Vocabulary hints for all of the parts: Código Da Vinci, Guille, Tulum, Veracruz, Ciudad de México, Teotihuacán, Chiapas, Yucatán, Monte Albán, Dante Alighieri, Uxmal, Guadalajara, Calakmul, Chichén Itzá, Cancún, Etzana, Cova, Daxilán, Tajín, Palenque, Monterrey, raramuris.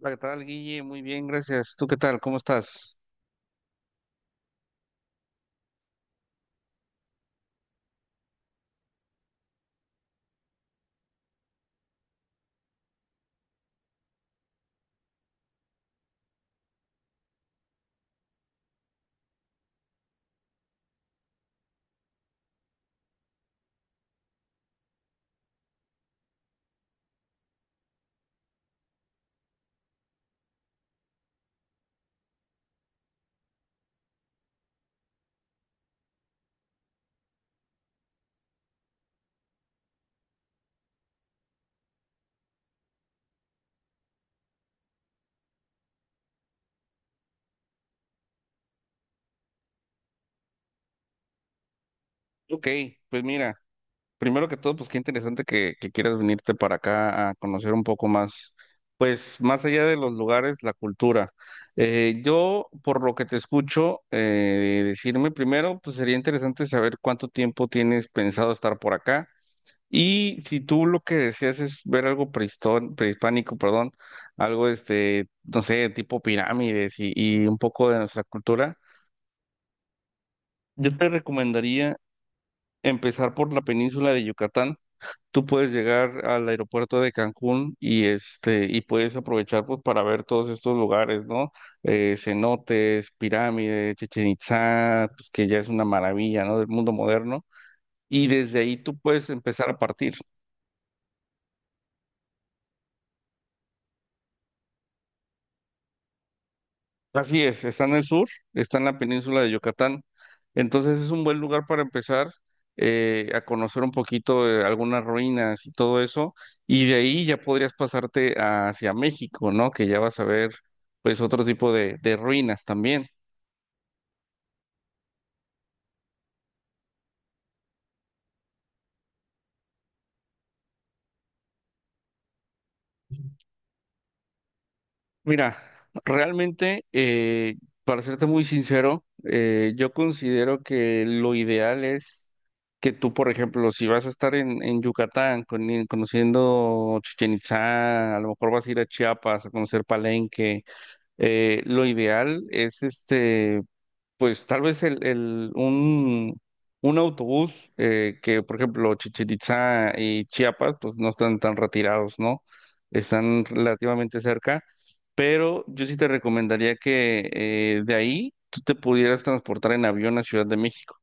Hola, ¿qué tal, Guille? Muy bien, gracias. ¿Tú qué tal? ¿Cómo estás? Ok, pues mira, primero que todo, pues qué interesante que quieras venirte para acá a conocer un poco más, pues más allá de los lugares, la cultura. Yo, por lo que te escucho decirme, primero, pues sería interesante saber cuánto tiempo tienes pensado estar por acá y si tú lo que deseas es ver algo prehispánico, perdón, algo este, no sé, tipo pirámides y un poco de nuestra cultura. Yo te recomendaría empezar por la península de Yucatán. Tú puedes llegar al aeropuerto de Cancún y este y puedes aprovechar pues para ver todos estos lugares, ¿no? Cenotes, pirámides, Chichén Itzá, pues que ya es una maravilla, ¿no? Del mundo moderno. Y desde ahí tú puedes empezar a partir. Así es, está en el sur, está en la península de Yucatán. Entonces es un buen lugar para empezar a conocer un poquito de algunas ruinas y todo eso. Y de ahí ya podrías pasarte hacia México, ¿no? Que ya vas a ver pues otro tipo de ruinas también. Mira, realmente, para serte muy sincero, yo considero que lo ideal es que tú, por ejemplo, si vas a estar en Yucatán conociendo Chichén Itzá, a lo mejor vas a ir a Chiapas a conocer Palenque, lo ideal es este pues tal vez un autobús que, por ejemplo, Chichén Itzá y Chiapas, pues no están tan retirados, ¿no? Están relativamente cerca, pero yo sí te recomendaría que de ahí tú te pudieras transportar en avión a Ciudad de México.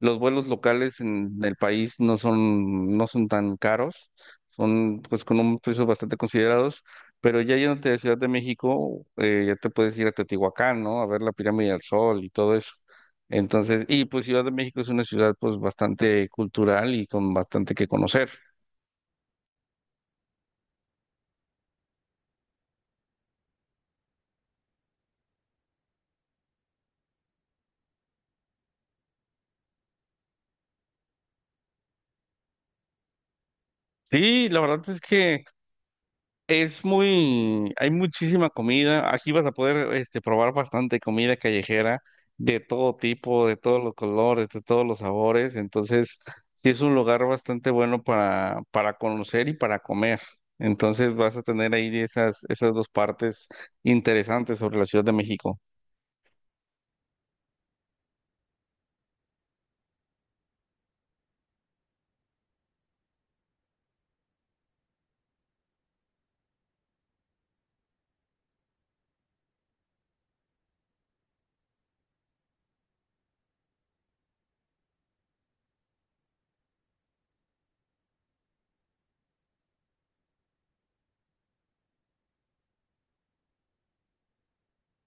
Los vuelos locales en el país no son tan caros, son pues con un precio bastante considerados, pero ya yéndote de Ciudad de México, ya te puedes ir a Teotihuacán, ¿no? A ver la pirámide del Sol y todo eso. Entonces, y pues Ciudad de México es una ciudad pues bastante cultural y con bastante que conocer. Sí, la verdad es que es muy, hay muchísima comida. Aquí vas a poder este, probar bastante comida callejera de todo tipo, de todos los colores, de todos los sabores. Entonces, sí es un lugar bastante bueno para conocer y para comer. Entonces, vas a tener ahí esas, esas dos partes interesantes sobre la Ciudad de México.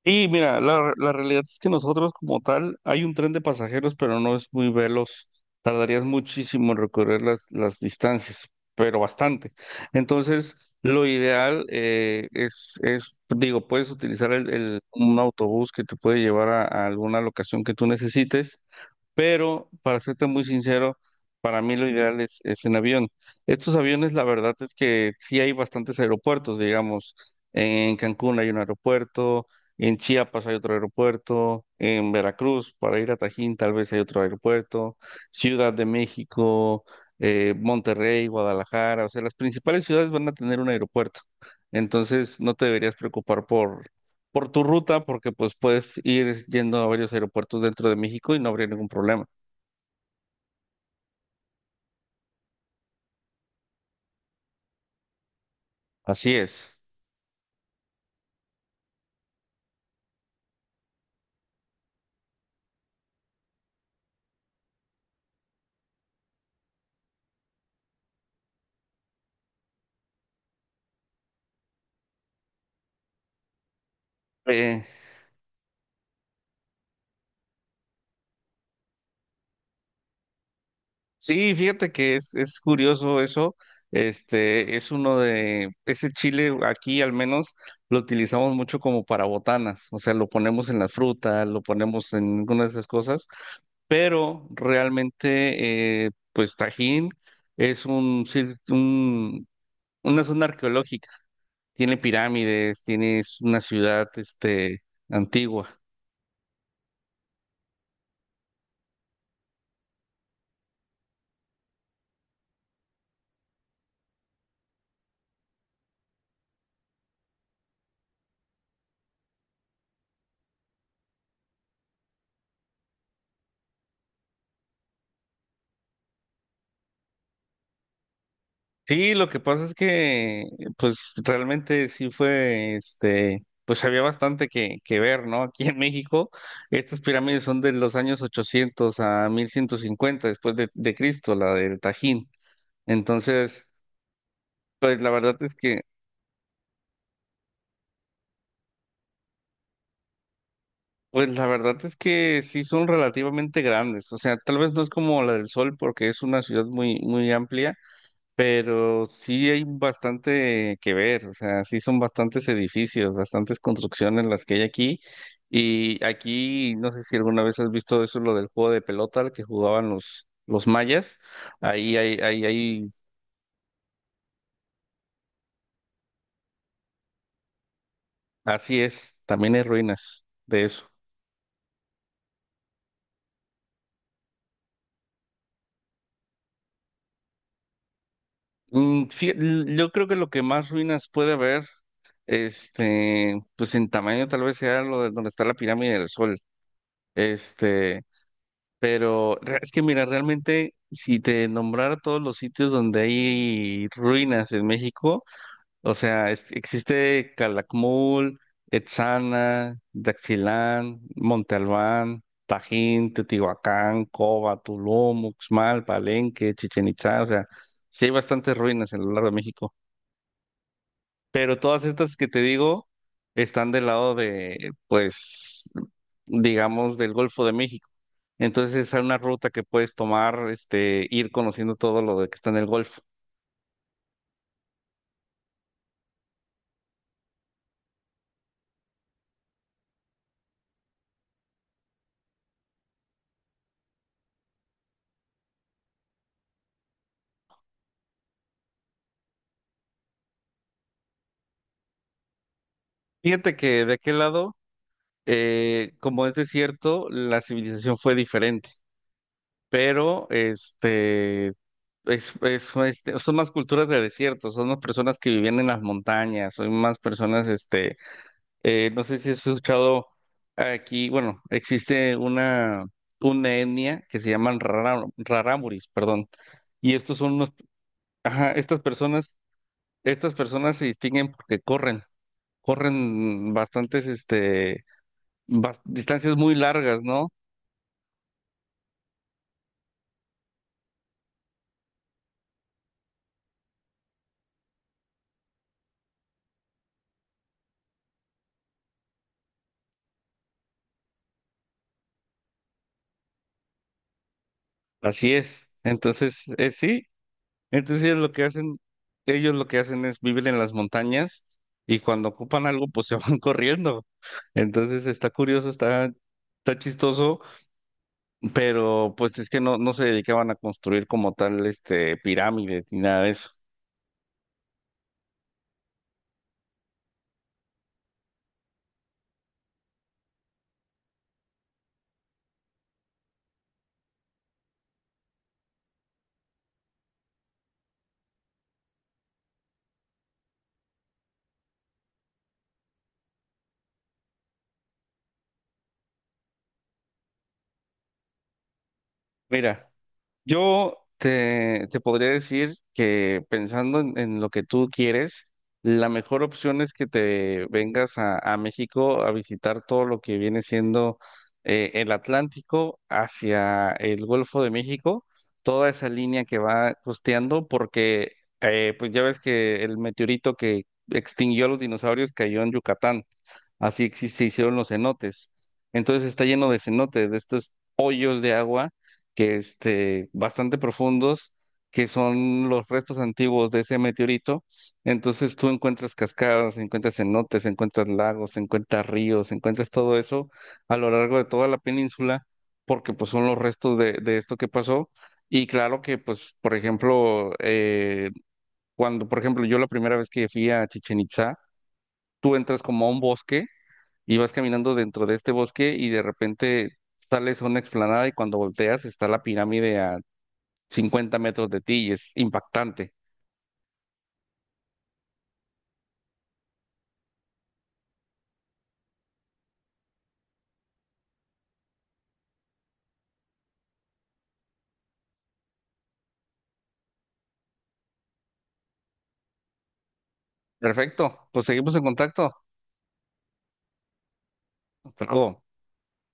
Y mira, la realidad es que nosotros como tal, hay un tren de pasajeros, pero no es muy veloz. Tardarías muchísimo en recorrer las distancias, pero bastante. Entonces, lo ideal digo, puedes utilizar un autobús que te puede llevar a alguna locación que tú necesites pero para serte muy sincero, para mí lo ideal es en avión. Estos aviones, la verdad es que sí hay bastantes aeropuertos, digamos, en Cancún hay un aeropuerto, en Chiapas hay otro aeropuerto, en Veracruz, para ir a Tajín tal vez hay otro aeropuerto, Ciudad de México, Monterrey, Guadalajara, o sea, las principales ciudades van a tener un aeropuerto. Entonces, no te deberías preocupar por tu ruta porque pues puedes ir yendo a varios aeropuertos dentro de México y no habría ningún problema. Así es. Eh, sí, fíjate que es curioso eso. Este es uno de ese chile aquí al menos lo utilizamos mucho como para botanas, o sea, lo ponemos en la fruta, lo ponemos en algunas de esas cosas, pero realmente pues Tajín es un, cir- un una zona arqueológica. Tiene pirámides, tienes una ciudad, este, antigua. Sí, lo que pasa es que, pues, realmente sí fue, este, pues había bastante que ver, ¿no? Aquí en México, estas pirámides son de los años 800 a 1150 después de Cristo, la del Tajín. Entonces, pues la verdad es que sí son relativamente grandes. O sea, tal vez no es como la del Sol porque es una ciudad muy amplia pero sí hay bastante que ver, o sea, sí son bastantes edificios, bastantes construcciones las que hay aquí. Y aquí, no sé si alguna vez has visto eso, lo del juego de pelota al que jugaban los mayas. Ahí, ahí, ahí, ahí, así es, también hay ruinas de eso. Mm, yo creo que lo que más ruinas puede haber, este, pues en tamaño tal vez sea lo de donde está la pirámide del Sol. Este, pero es que mira, realmente si te nombrara todos los sitios donde hay ruinas en México, o sea, existe Calakmul, Etzana, Daxilán, Monte Albán, Tajín, Teotihuacán, Cova, Tulum, Uxmal, Palenque, Chichen Itzá, o sea, sí hay bastantes ruinas en lo largo de México. Pero todas estas que te digo están del lado de, pues, digamos, del Golfo de México. Entonces es una ruta que puedes tomar, este, ir conociendo todo lo de que está en el Golfo. Fíjate que de aquel lado, como es desierto, la civilización fue diferente, pero este, este, son más culturas de desierto, son más personas que vivían en las montañas, son más personas, este, no sé si has escuchado aquí, bueno, existe una etnia que se llaman raramuris, perdón, y estos son unos, ajá, estas personas se distinguen porque corren, corren bastantes, este, distancias muy largas, ¿no? Así es. Entonces, sí, entonces ellos lo que hacen, ellos lo que hacen es vivir en las montañas y cuando ocupan algo, pues se van corriendo. Entonces está chistoso, pero pues es que no se dedicaban a construir como tal, este, pirámides ni nada de eso. Mira. Yo te podría decir que pensando en lo que tú quieres, la mejor opción es que te vengas a México a visitar todo lo que viene siendo el Atlántico hacia el Golfo de México, toda esa línea que va costeando, porque pues ya ves que el meteorito que extinguió a los dinosaurios cayó en Yucatán. Así se hicieron los cenotes. Entonces está lleno de cenotes, de estos hoyos de agua que este, bastante profundos, que son los restos antiguos de ese meteorito. Entonces tú encuentras cascadas, encuentras cenotes, encuentras lagos, encuentras ríos, encuentras todo eso a lo largo de toda la península, porque pues son los restos de esto que pasó. Y claro que pues, por ejemplo, por ejemplo, yo la primera vez que fui a Chichen Itzá, tú entras como a un bosque y vas caminando dentro de este bosque y de repente sales a una explanada y cuando volteas está la pirámide a 50 metros de ti y es impactante. Perfecto, pues seguimos en contacto. Hasta luego.